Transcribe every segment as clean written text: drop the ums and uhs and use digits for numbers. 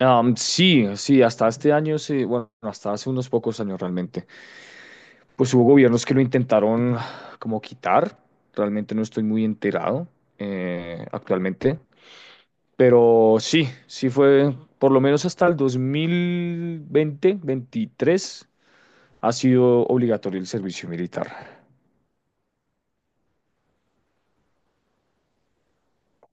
Sí, sí, hasta este año, bueno, hasta hace unos pocos años realmente, pues hubo gobiernos que lo intentaron como quitar. Realmente no estoy muy enterado actualmente, pero sí, sí fue, por lo menos hasta el 2020, 23, ha sido obligatorio el servicio militar.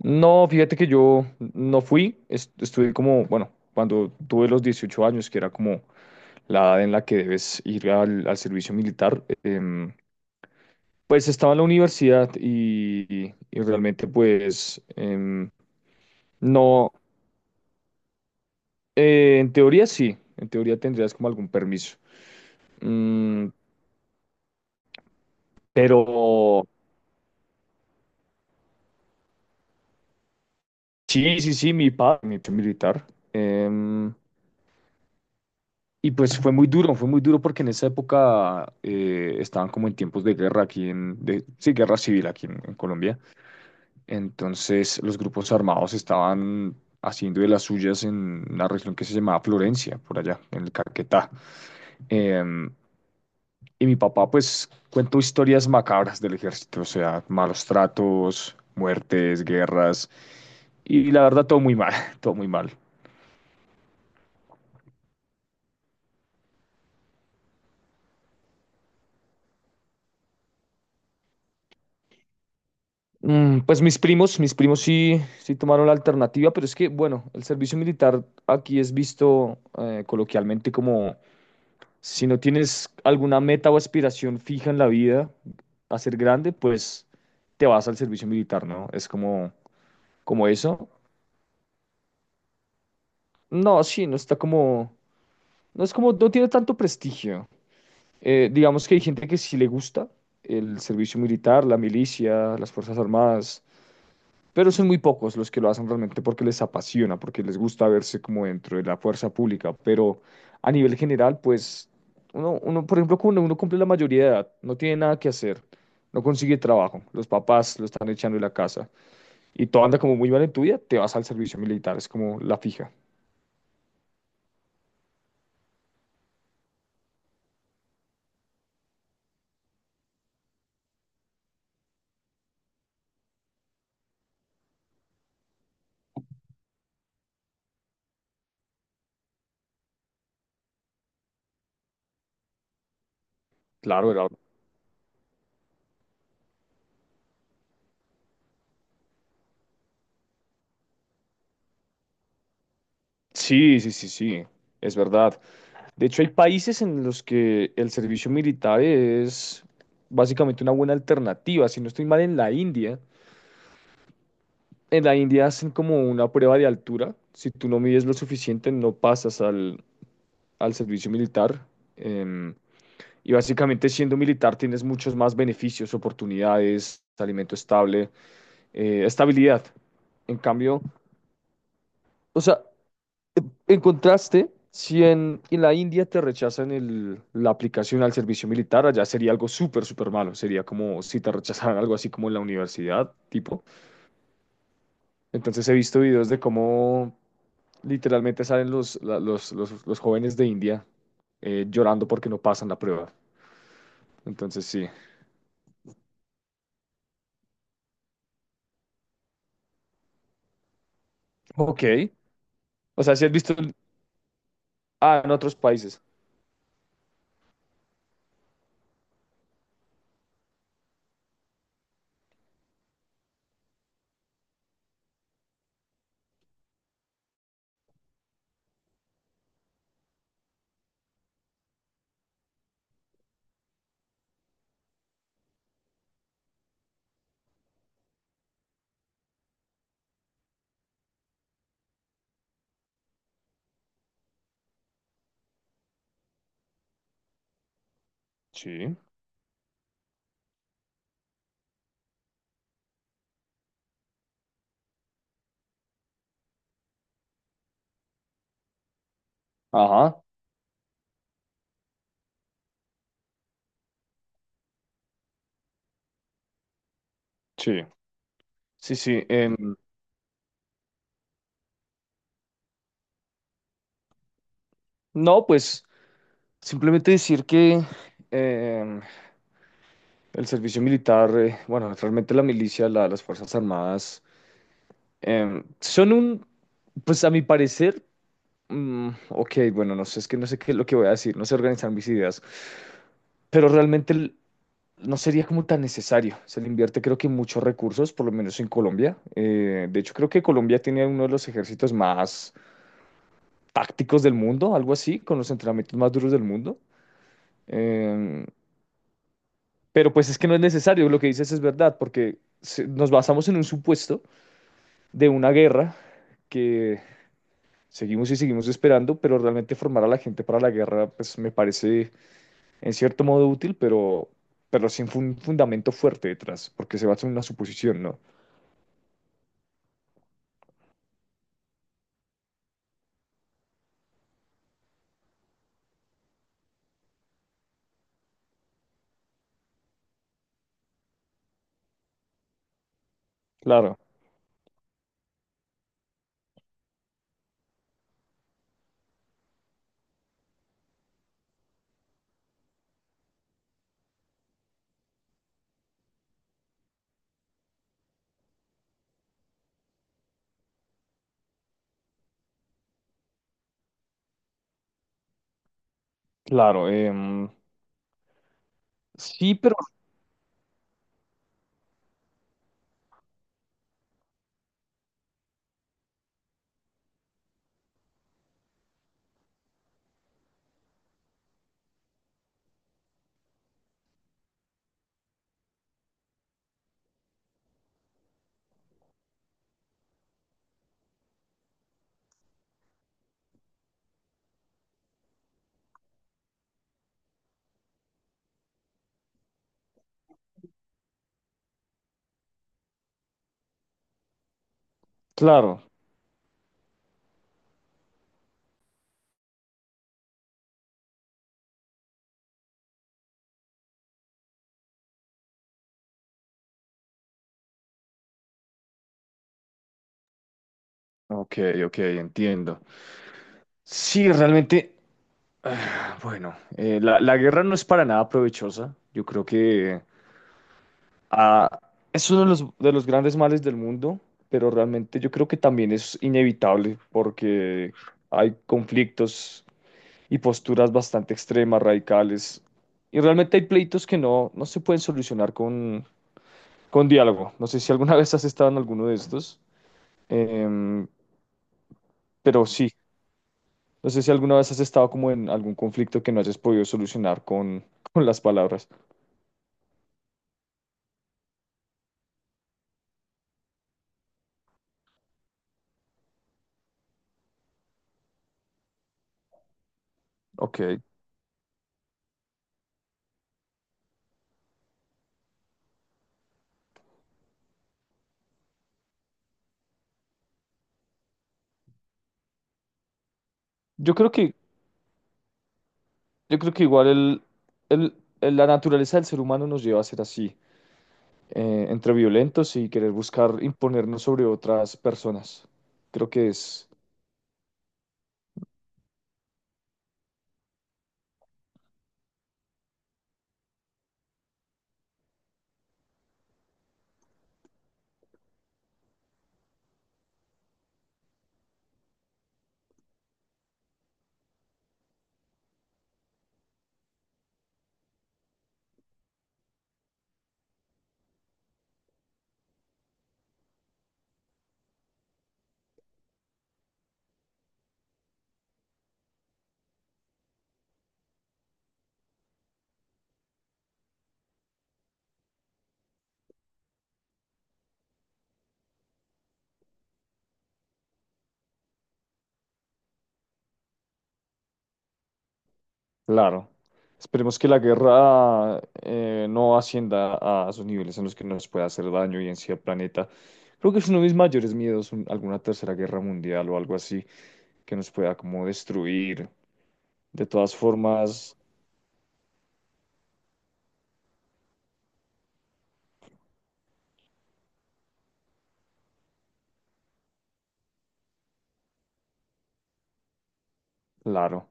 No, fíjate que yo no fui, estuve como, bueno, cuando tuve los 18 años, que era como la edad en la que debes ir al, al servicio militar. Pues estaba en la universidad y realmente pues no, en teoría sí, en teoría tendrías como algún permiso. Mm, pero sí, sí, sí, mi padre militar. em, y pues fue muy duro porque en esa época estaban como en tiempos de guerra aquí en, de, sí, guerra civil aquí en Colombia. Entonces los grupos armados estaban haciendo de las suyas en una región que se llamaba Florencia, por allá, en el Caquetá. Em, y mi papá pues cuento historias macabras del ejército, o sea, malos tratos, muertes, guerras, y la verdad todo muy mal, todo muy mal. Mm, pues mis primos sí, sí tomaron la alternativa, pero es que, bueno, el servicio militar aquí es visto coloquialmente como si no tienes alguna meta o aspiración fija en la vida a ser grande, pues te vas al servicio militar, ¿no? Es como, como eso. No, sí, no está como... No es como, no tiene tanto prestigio. Digamos que hay gente que sí le gusta el servicio militar, la milicia, las Fuerzas Armadas, pero son muy pocos los que lo hacen realmente porque les apasiona, porque les gusta verse como dentro de la fuerza pública. Pero a nivel general, pues, uno, por ejemplo, cuando uno cumple la mayoría de edad, no tiene nada que hacer, no consigue trabajo, los papás lo están echando de la casa y todo anda como muy mal en tu vida, te vas al servicio militar, es como la fija. Claro, sí, sí, sí, sí, es verdad. De hecho, hay países en los que el servicio militar es básicamente una buena alternativa. Si no estoy mal, en la India hacen como una prueba de altura. Si tú no mides lo suficiente, no pasas al, al servicio militar. Em, y básicamente siendo militar tienes muchos más beneficios, oportunidades, alimento estable, estabilidad. En cambio, o sea, en contraste, si en, en la India te rechazan la aplicación al servicio militar, allá sería algo súper, súper malo. Sería como si te rechazaran algo así como en la universidad, tipo. Entonces he visto videos de cómo literalmente salen los, los, los jóvenes de India llorando porque no pasan la prueba. Entonces sí. Ok. O sea, si has visto... Ah, en otros países. Sí. Ajá. Sí. Sí, sí. No, pues simplemente decir que em, el servicio militar, bueno, realmente la milicia, las Fuerzas Armadas, son un, pues a mi parecer, mm, ok, bueno, no sé, es que no sé qué es lo que voy a decir, no sé organizar mis ideas, pero realmente no sería como tan necesario. Se le invierte creo que muchos recursos, por lo menos en Colombia. De hecho, creo que Colombia tiene uno de los ejércitos más tácticos del mundo, algo así, con los entrenamientos más duros del mundo. em, Pero pues es que no es necesario, lo que dices es verdad, porque nos basamos en un supuesto de una guerra que seguimos y seguimos esperando, pero realmente formar a la gente para la guerra, pues me parece en cierto modo útil, pero sin un fundamento fuerte detrás, porque se basa en una suposición, ¿no? Claro, claro, sí, pero claro. Ok, ok, entiendo. Sí, realmente, ah, bueno, la guerra no es para nada provechosa. Yo creo que ah, es uno de los grandes males del mundo, pero realmente yo creo que también es inevitable porque hay conflictos y posturas bastante extremas, radicales, y realmente hay pleitos que no, no se pueden solucionar con diálogo. No sé si alguna vez has estado en alguno de estos, em, pero sí, no sé si alguna vez has estado como en algún conflicto que no hayas podido solucionar con, con las palabras. Ok. Yo creo que Yo creo que igual el, el- la naturaleza del ser humano nos lleva a ser así, entre violentos y querer buscar imponernos sobre otras personas. Creo que es claro. Esperemos que la guerra no ascienda a esos niveles en los que nos pueda hacer daño y en sí al planeta. Creo que es uno de mis mayores miedos, alguna tercera guerra mundial o algo así que nos pueda como destruir. De todas formas. Claro.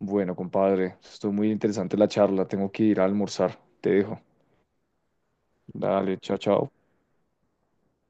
Bueno, compadre, estuvo muy interesante la charla. Tengo que ir a almorzar. Te dejo. Dale, chao, chao.